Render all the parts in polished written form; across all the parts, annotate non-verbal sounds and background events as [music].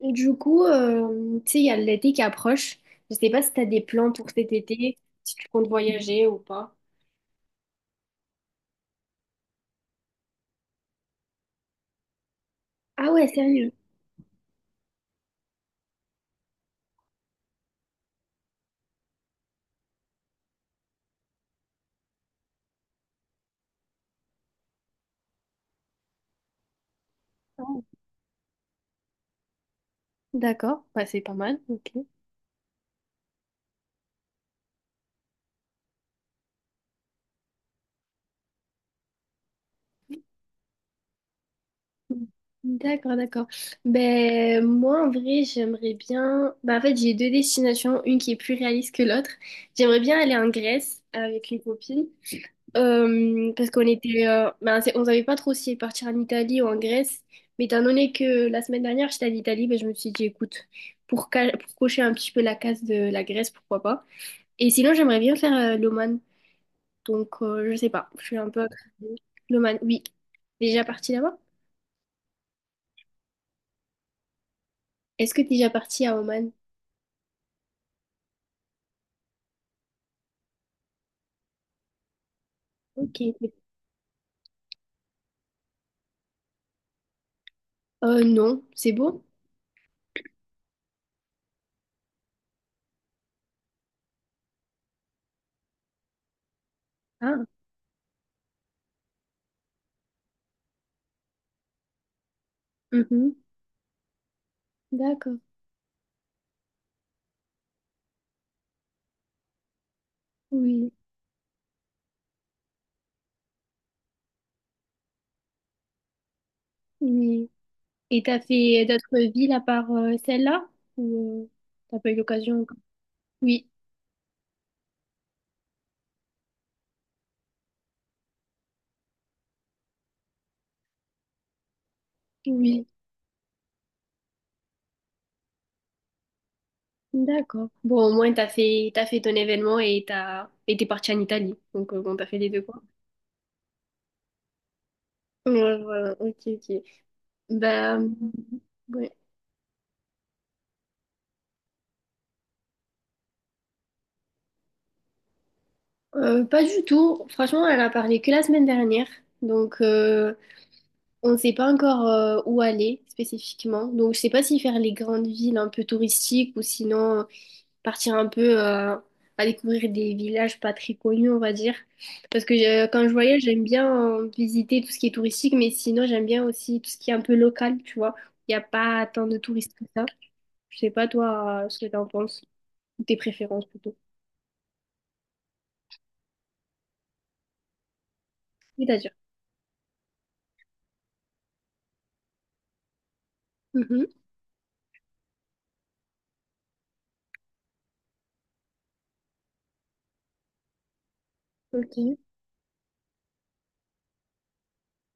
Et du coup, tu sais, il y a l'été qui approche. Je sais pas si tu as des plans pour cet été, si tu comptes voyager ou pas. Ah ouais, sérieux. Ah, ouais. D'accord, bah, c'est pas mal, ok. D'accord, d'accord. Ben, moi, en vrai, j'aimerais bien... Ben, en fait, j'ai deux destinations, une qui est plus réaliste que l'autre. J'aimerais bien aller en Grèce avec une copine. Parce qu'on était, ben, on savait pas trop si partir en Italie ou en Grèce, mais étant donné que la semaine dernière j'étais en Italie, ben, je me suis dit écoute, pour cocher un petit peu la case de la Grèce, pourquoi pas. Et sinon j'aimerais bien faire l'Oman, donc je sais pas, je suis un peu l'Oman, oui. Déjà parti là-bas? Est-ce que t'es déjà parti à Oman? Ok. Non, c'est beau. Ah, mhm. D'accord. Oui, oui. Et t'as fait d'autres villes à part celle-là? Ou t'as pas eu l'occasion? Oui, oui, d'accord. Bon, au moins, t'as fait ton événement et et t'es parti en Italie. Donc, bon, t'as fait les deux, quoi. Ouais, voilà, ok, ok. Ben, ouais. Pas du tout. Franchement, elle a parlé que la semaine dernière. Donc, on ne sait pas encore où aller spécifiquement. Donc, je sais pas si faire les grandes villes un peu touristiques ou sinon partir un peu à découvrir des villages pas très connus, on va dire. Parce que quand je voyage, j'aime bien visiter tout ce qui est touristique, mais sinon, j'aime bien aussi tout ce qui est un peu local, tu vois. Il n'y a pas tant de touristes que ça. Je sais pas, toi, ce que t'en penses, ou tes préférences plutôt. C'est-à-dire. Mhm. Ok.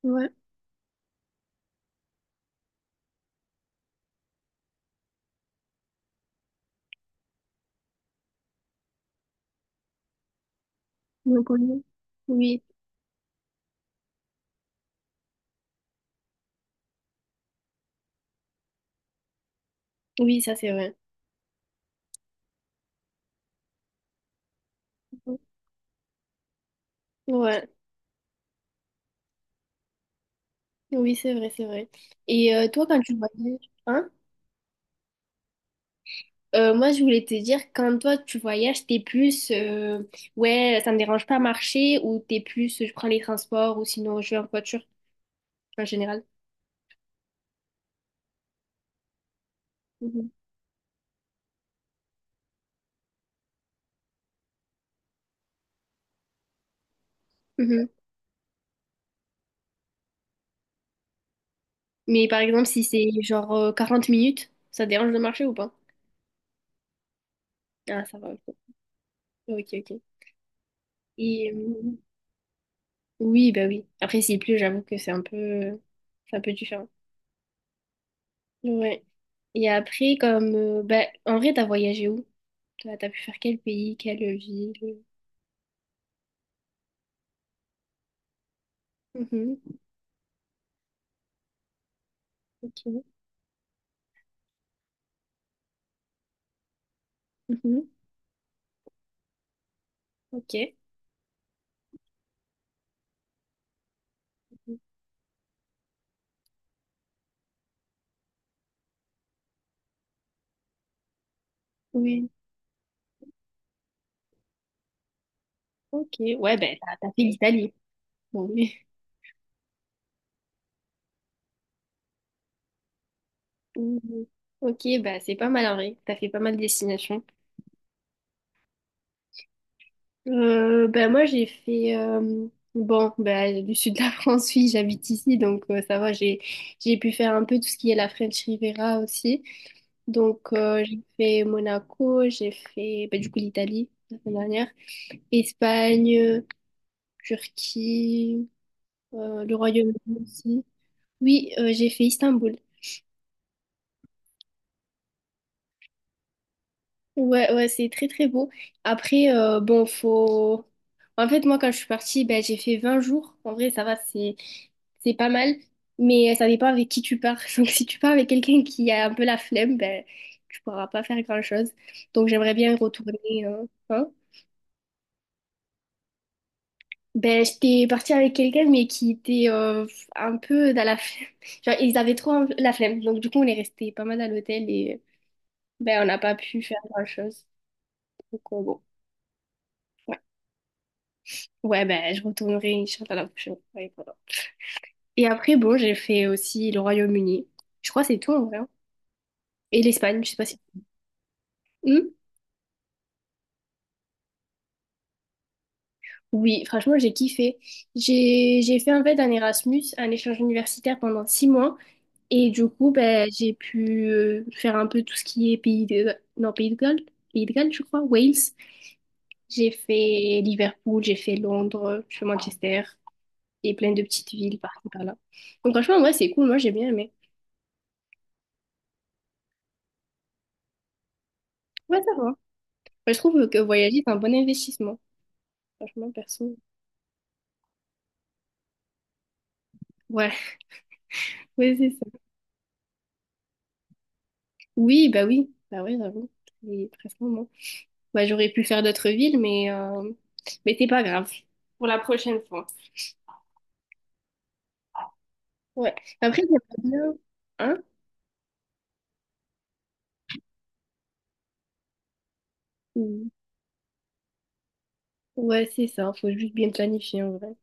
Ouais. Donc, on y- Oui, oui, ça c'est vrai. Mhm. Ouais. Oui, c'est vrai, c'est vrai. Et toi, quand tu voyages, hein? Moi, je voulais te dire, quand toi tu voyages, t'es plus ouais, ça me dérange pas marcher ou t'es plus je prends les transports ou sinon je vais en voiture en général. Mhm. Mhm. Mais par exemple, si c'est genre 40 minutes, ça te dérange de marcher ou pas? Ah, ça va, ok. Ok, ok. Et, oui, bah oui. Après, s'il pleut, j'avoue que c'est un peu différent. Ouais. Et après, comme bah, en vrai, t'as voyagé où? T'as pu faire quel pays, quelle ville? Mhm. Ok. Mhm. Ok. Oui, ok. Ouais, ben, t'as fait l'Italie. Bon, oui. Mhm. Ok, bah c'est pas mal en vrai. T'as fait pas mal de destinations. Euh, ben, moi, j'ai fait... euh, Bon, ben, du sud de la [laughs] France, oui, j'habite ici, donc ça va, j'ai pu faire un peu tout ce qui est la French Riviera aussi. Donc, j'ai fait Monaco, j'ai fait ben, du coup l'Italie la semaine dernière, Espagne, Turquie, le Royaume-Uni aussi. Oui, j'ai fait Istanbul. Ouais, ouais, c'est très très beau. Après, bon, faut. En fait, moi, quand je suis partie, ben, j'ai fait 20 jours. En vrai, ça va, c'est pas mal. Mais ça dépend avec qui tu pars. [laughs] Donc, si tu pars avec quelqu'un qui a un peu la flemme, ben, tu pourras pas faire grand-chose. Donc, j'aimerais bien retourner. Hein. Ben, j'étais partie avec quelqu'un, mais qui était un peu dans la flemme. [laughs] Genre, ils avaient trop la flemme. Donc, du coup, on est resté pas mal à l'hôtel et ben, on n'a pas pu faire grand-chose. Donc, bon. Ouais, ben, je retournerai, Inch'Allah, la prochaine fois. Et voilà. Et après, bon, j'ai fait aussi le Royaume-Uni. Je crois que c'est tout, en vrai. Hein. Et l'Espagne, je sais pas si... Hmm. Oui, franchement, j'ai kiffé. J'ai fait, en fait, un Erasmus, un échange universitaire pendant 6 mois. Et du coup, ben, j'ai pu faire un peu tout ce qui est pays de... Non, pays de Galles. Pays de Galles, je crois. Wales. J'ai fait Liverpool, j'ai fait Londres, j'ai fait Manchester. Et plein de petites villes par là. Donc, franchement, ouais, c'est cool. Moi, j'ai bien aimé. Ouais, ça va. Moi, je trouve que voyager, c'est un bon investissement. Franchement, perso. Ouais, [laughs] ouais, c'est ça. Oui, bah oui. Bah oui, j'avoue. C'est très moment. Bah, j'aurais pu faire d'autres villes, mais c'est pas grave. Pour la prochaine fois. Ouais. Après, j'aimerais bien. Hein? Mm. Ouais, c'est ça. Faut juste bien planifier, en vrai.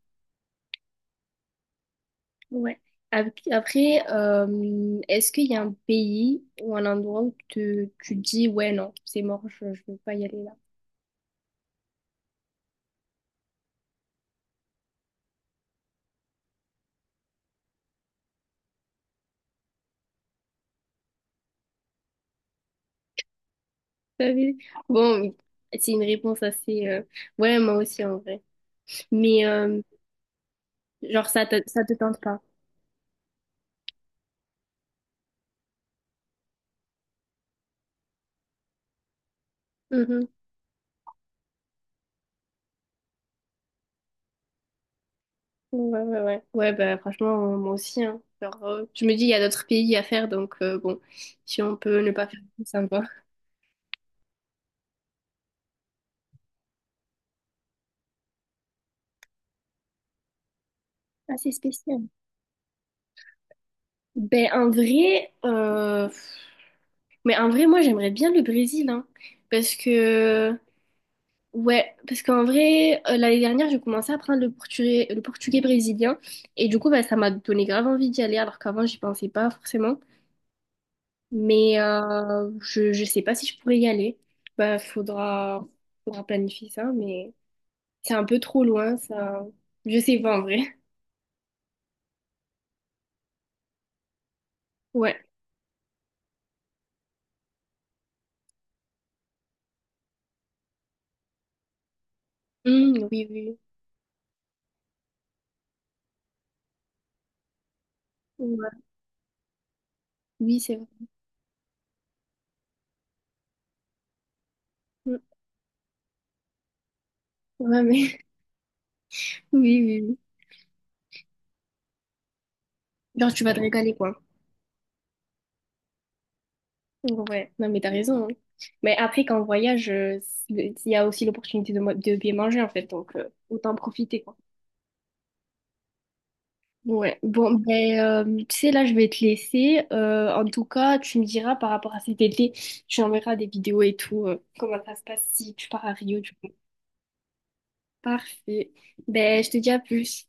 Ouais. Après, est-ce qu'il y a un pays ou un endroit où tu dis, ouais, non, c'est mort, je veux pas y aller là? Salut. Bon, c'est une réponse assez... ouais, moi aussi en vrai. Mais genre, ça te tente pas. Mhm. Ouais, ouais, ouais. Ouais, bah franchement, moi aussi. Hein. Genre, je me dis, il y a d'autres pays à faire, donc bon, si on peut ne pas faire tout, ça me va. Assez spécial. Ben, en vrai, moi, j'aimerais bien le Brésil, hein, parce que ouais, parce qu'en vrai, l'année dernière, j'ai commencé à apprendre le portugais brésilien et du coup, bah, ça m'a donné grave envie d'y aller alors qu'avant, j'y pensais pas forcément. Mais je sais pas si je pourrais y aller. Bah, faudra, faudra planifier ça, mais c'est un peu trop loin, ça. Je sais pas en vrai. [laughs] Ouais. Oui, oui. Ouais. Oui, c'est vrai. Hum, Ouais, mais [laughs] oui, oui, oui. Genre, tu vas te régaler, quoi. Ouais, non mais t'as raison. Hein. Mais après, quand on voyage, il y a aussi l'opportunité de, de bien manger en fait, donc autant en profiter quoi. Ouais, bon, ben, tu sais, là, je vais te laisser. En tout cas, tu me diras par rapport à cet été, tu enverras des vidéos et tout, comment ça se passe si tu pars à Rio, du coup. Parfait. Ben, je te dis à plus.